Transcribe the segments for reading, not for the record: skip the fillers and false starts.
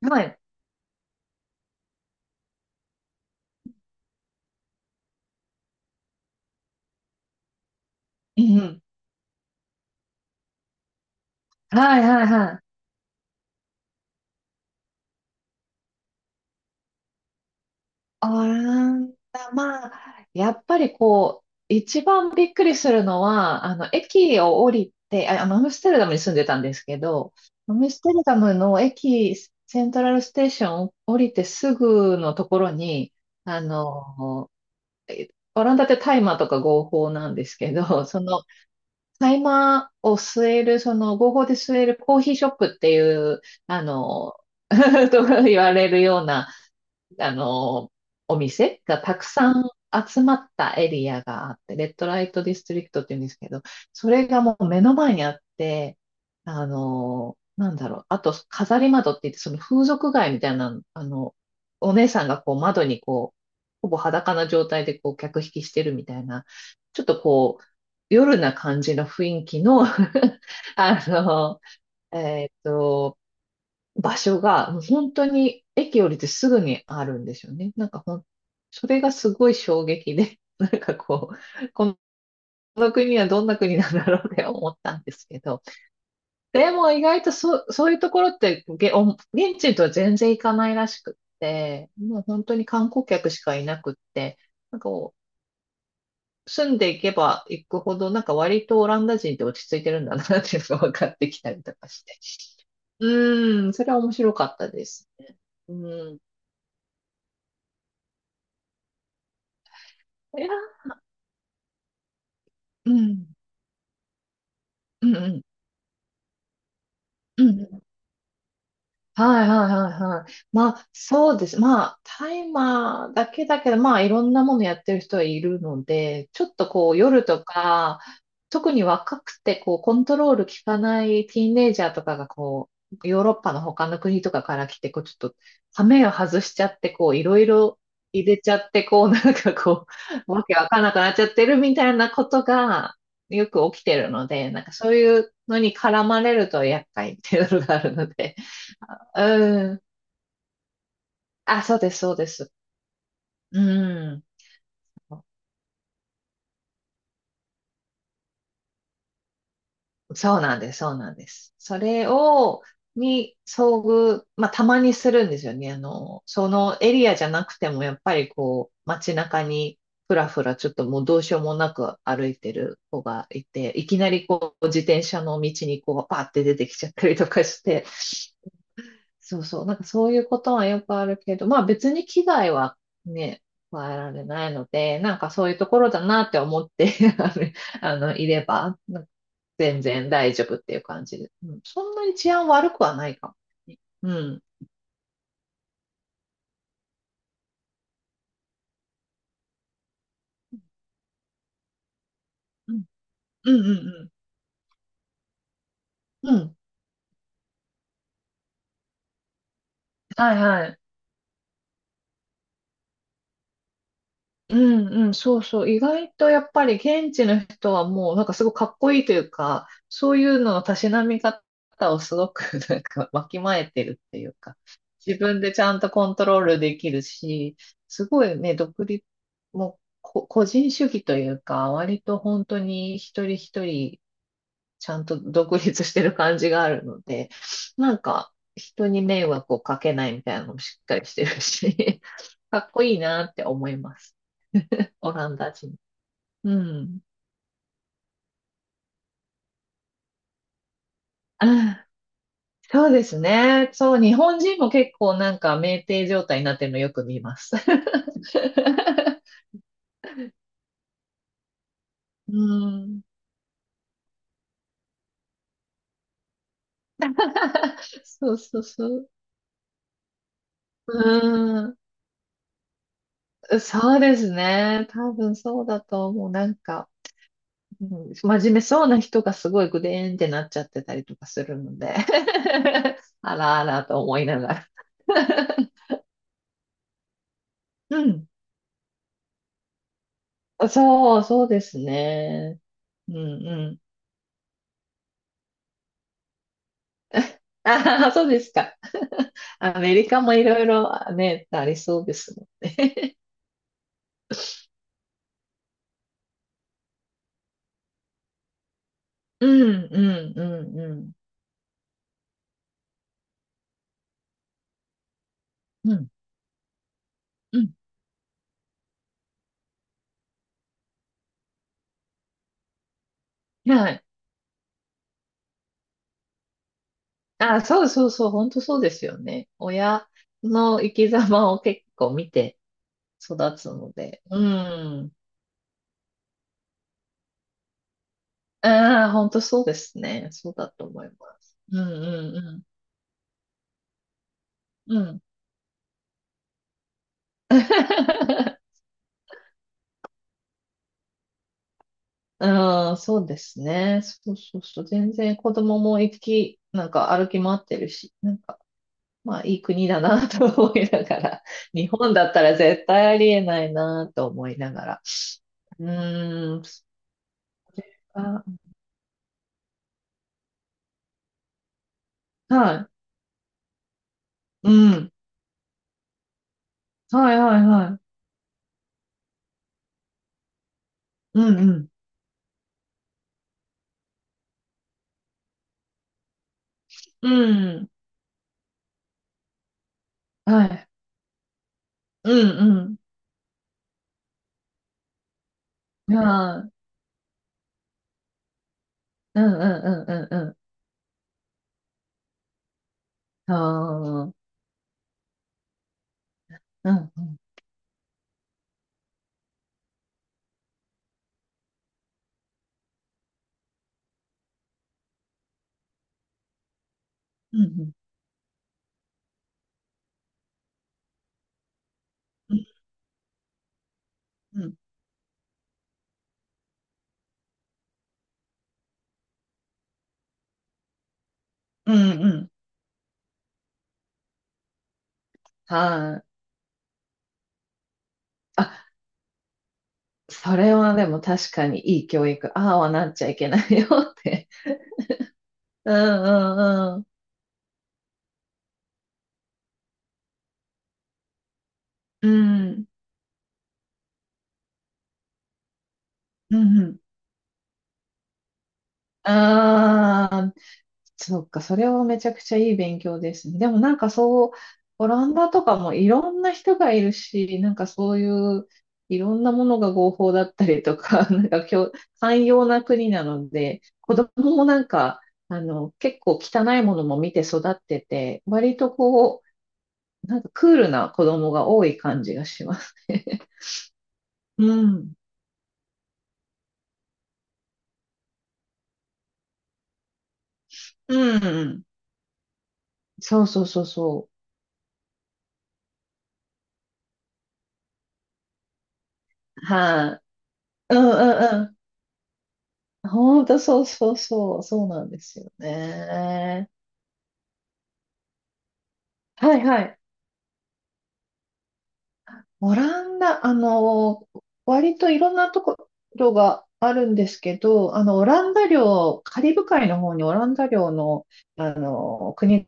はい。うんうん。はいはいはい。あなまあ、やっぱりこう、一番びっくりするのは、駅を降りて、アムステルダムに住んでたんですけど、アムステルダムの駅、セントラルステーションを降りてすぐのところに、あの、えオランダってタイマーとか合法なんですけど、そのタイマーを吸える、その合法で吸えるコーヒーショップっていう、あの、と言われるような、あの、お店がたくさん集まったエリアがあって、レッドライトディストリクトって言うんですけど、それがもう目の前にあって、あと飾り窓って言って、その風俗街みたいな、お姉さんがこう窓にこう、ほぼ裸な状態でこう客引きしてるみたいな、ちょっとこう、夜な感じの雰囲気の あの、えっと、場所が本当に駅降りてすぐにあるんですよね。なんかそれがすごい衝撃で、なんかこう、この国はどんな国なんだろうって思ったんですけど、でも意外とそういうところって現地とは全然行かないらしくって、もう本当に観光客しかいなくって、なんかこう住んでいけば行くほど、なんか割とオランダ人って落ち着いてるんだなっていうのが分かってきたりとかして。うーん、それは面白かったですね。うん。いや、うん、うん、うん、うん、はいはいはいはい。まあそうです。まあタイマーだけだけど、まあいろんなものやってる人はいるので、ちょっとこう夜とか、特に若くてこうコントロール効かないティーンエイジャーとかがこうヨーロッパの他の国とかから来て、こうちょっと羽目を外しちゃってこういろいろ入れちゃってこうなんかこうわけわかんなくなっちゃってるみたいなことがよく起きてるので、なんかそういうのに絡まれると厄介っていうのがあるので。うん。あ、そうです、そうです。うん。そうなんです、そうなんです。それを、に遭遇、まあ、たまにするんですよね。あの、そのエリアじゃなくても、やっぱりこう、街中に、ふらふら、ちょっともうどうしようもなく歩いてる子がいて、いきなりこう、自転車の道にこう、パーって出てきちゃったりとかして、そうそう、なんかそういうことはよくあるけど、まあ別に危害はね、加えられないので、なんかそういうところだなって思って ああのいれば、なんか全然大丈夫っていう感じで。うん、そんなに治安悪くはないかもね。うんうんうんうんうん。うん。はいはい。うんうん、そうそう。意外とやっぱり現地の人はもうなんかすごいかっこいいというか、そういうののたしなみ方をすごく なんかわきまえてるっていうか、自分でちゃんとコントロールできるし、すごいね、独立、もう個人主義というか、割と本当に一人一人ちゃんと独立してる感じがあるので、なんか人に迷惑をかけないみたいなのもしっかりしてるし、かっこいいなって思います。オランダ人。うん。あ、そうですね。そう、日本人も結構なんか酩酊状態になってるのよく見ます。うん。そうそうそう。うん。そうですね。多分そうだと思う。なんか、うん、真面目そうな人がすごいグデーンってなっちゃってたりとかするので あらあらと思いながら うん。そう、そうですね。うんうん。ああ、そうですか。アメリカもいろいろね、ありそうですね。うんうんうんうんうんうん、はい。ああ、そうそうそう、本当そうですよね。親の生き様を結構見て育つので。うん。ああ、本当そうですね。そうだと思います。うんうんうん。うん。ああ、そうですね。そうそうそう。全然子供もなんか歩き回ってるし、なんか、まあいい国だなと思いながら、日本だったら絶対ありえないなと思いながら。うーん、それが、はい。うん。はいはいはい。うんうん。うん。はい。うんうん。はい。うんうんうんうんうん。ああ。うん、うん、うん、うん、うん、うん、うんうん、はい。あ、それはでも確かにいい教育、ああはなっちゃいけないよって。うん、うん、うん、うん、うん、うん。ああ。そっか、それはめちゃくちゃいい勉強ですね。でもなんかそう、オランダとかもいろんな人がいるし、なんかそういういろんなものが合法だったりとか、なんか今日、寛容な国なので、子供もなんか、結構汚いものも見て育ってて、割とこう、なんかクールな子供が多い感じがしますね。うん。うん。そうそうそうそう。はい、うんうん、ほんと、そうそうそう、そうなんですよね。はいはい。オランダ、割といろんなところがあるんですけど、オランダ領、カリブ海の方にオランダ領の、国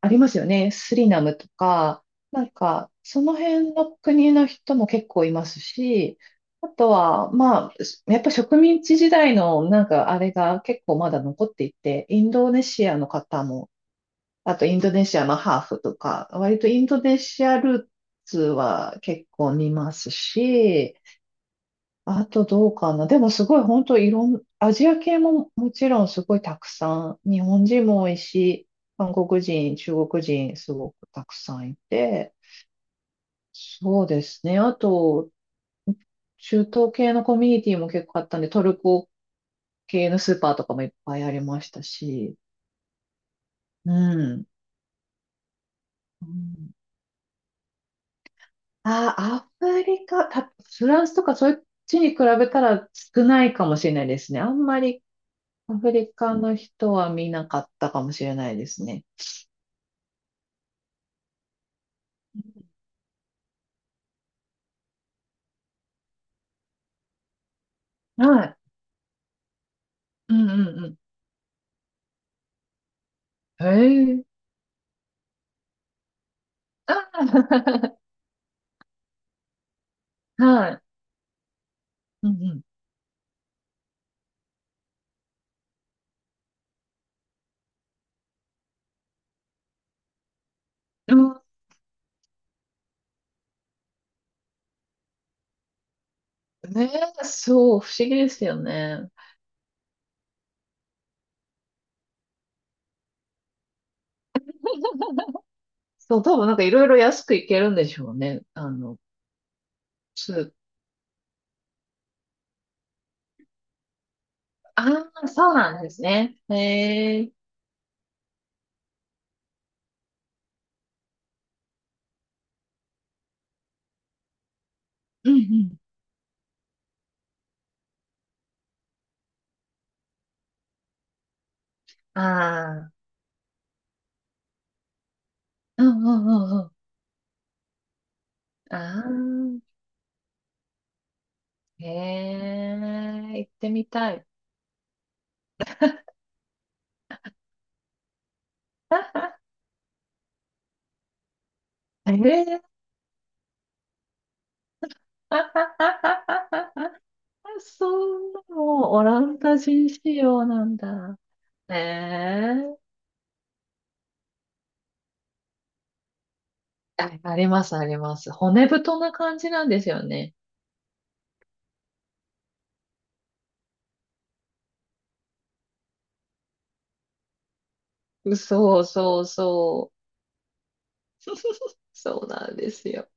ありますよね。スリナムとか、なんか、その辺の国の人も結構いますし、あとは、まあ、やっぱ植民地時代のなんかあれが結構まだ残っていて、インドネシアの方も、あとインドネシアのハーフとか、割とインドネシアルーツは結構見ますし、あとどうかな。でもすごい本当いろん、アジア系ももちろんすごいたくさん、日本人も多いし、韓国人、中国人すごくたくさんいて、そうですね。あと、中東系のコミュニティも結構あったんで、トルコ系のスーパーとかもいっぱいありましたし、うん。うん。ああ、アフリカ、た、フランスとかそっちに比べたら少ないかもしれないですね。あんまりアフリカの人は見なかったかもしれないですね。うん、はい。うんうんうん。へえ。あー はい。うんうん。うん、ねえ、そう、不思議ですよね。そう、多分なんかいろいろ安くいけるんでしょうね。スーパー。ああ、そうなんですね。へえ。うんうん。ああ。うんうんうんうん。ああ。へえ、行ってみたい。ええ そう、もうオランダ人仕様なんだ。ええ、あ、あります、あります。骨太な感じなんですよね。そうそうそう。そうなんですよ。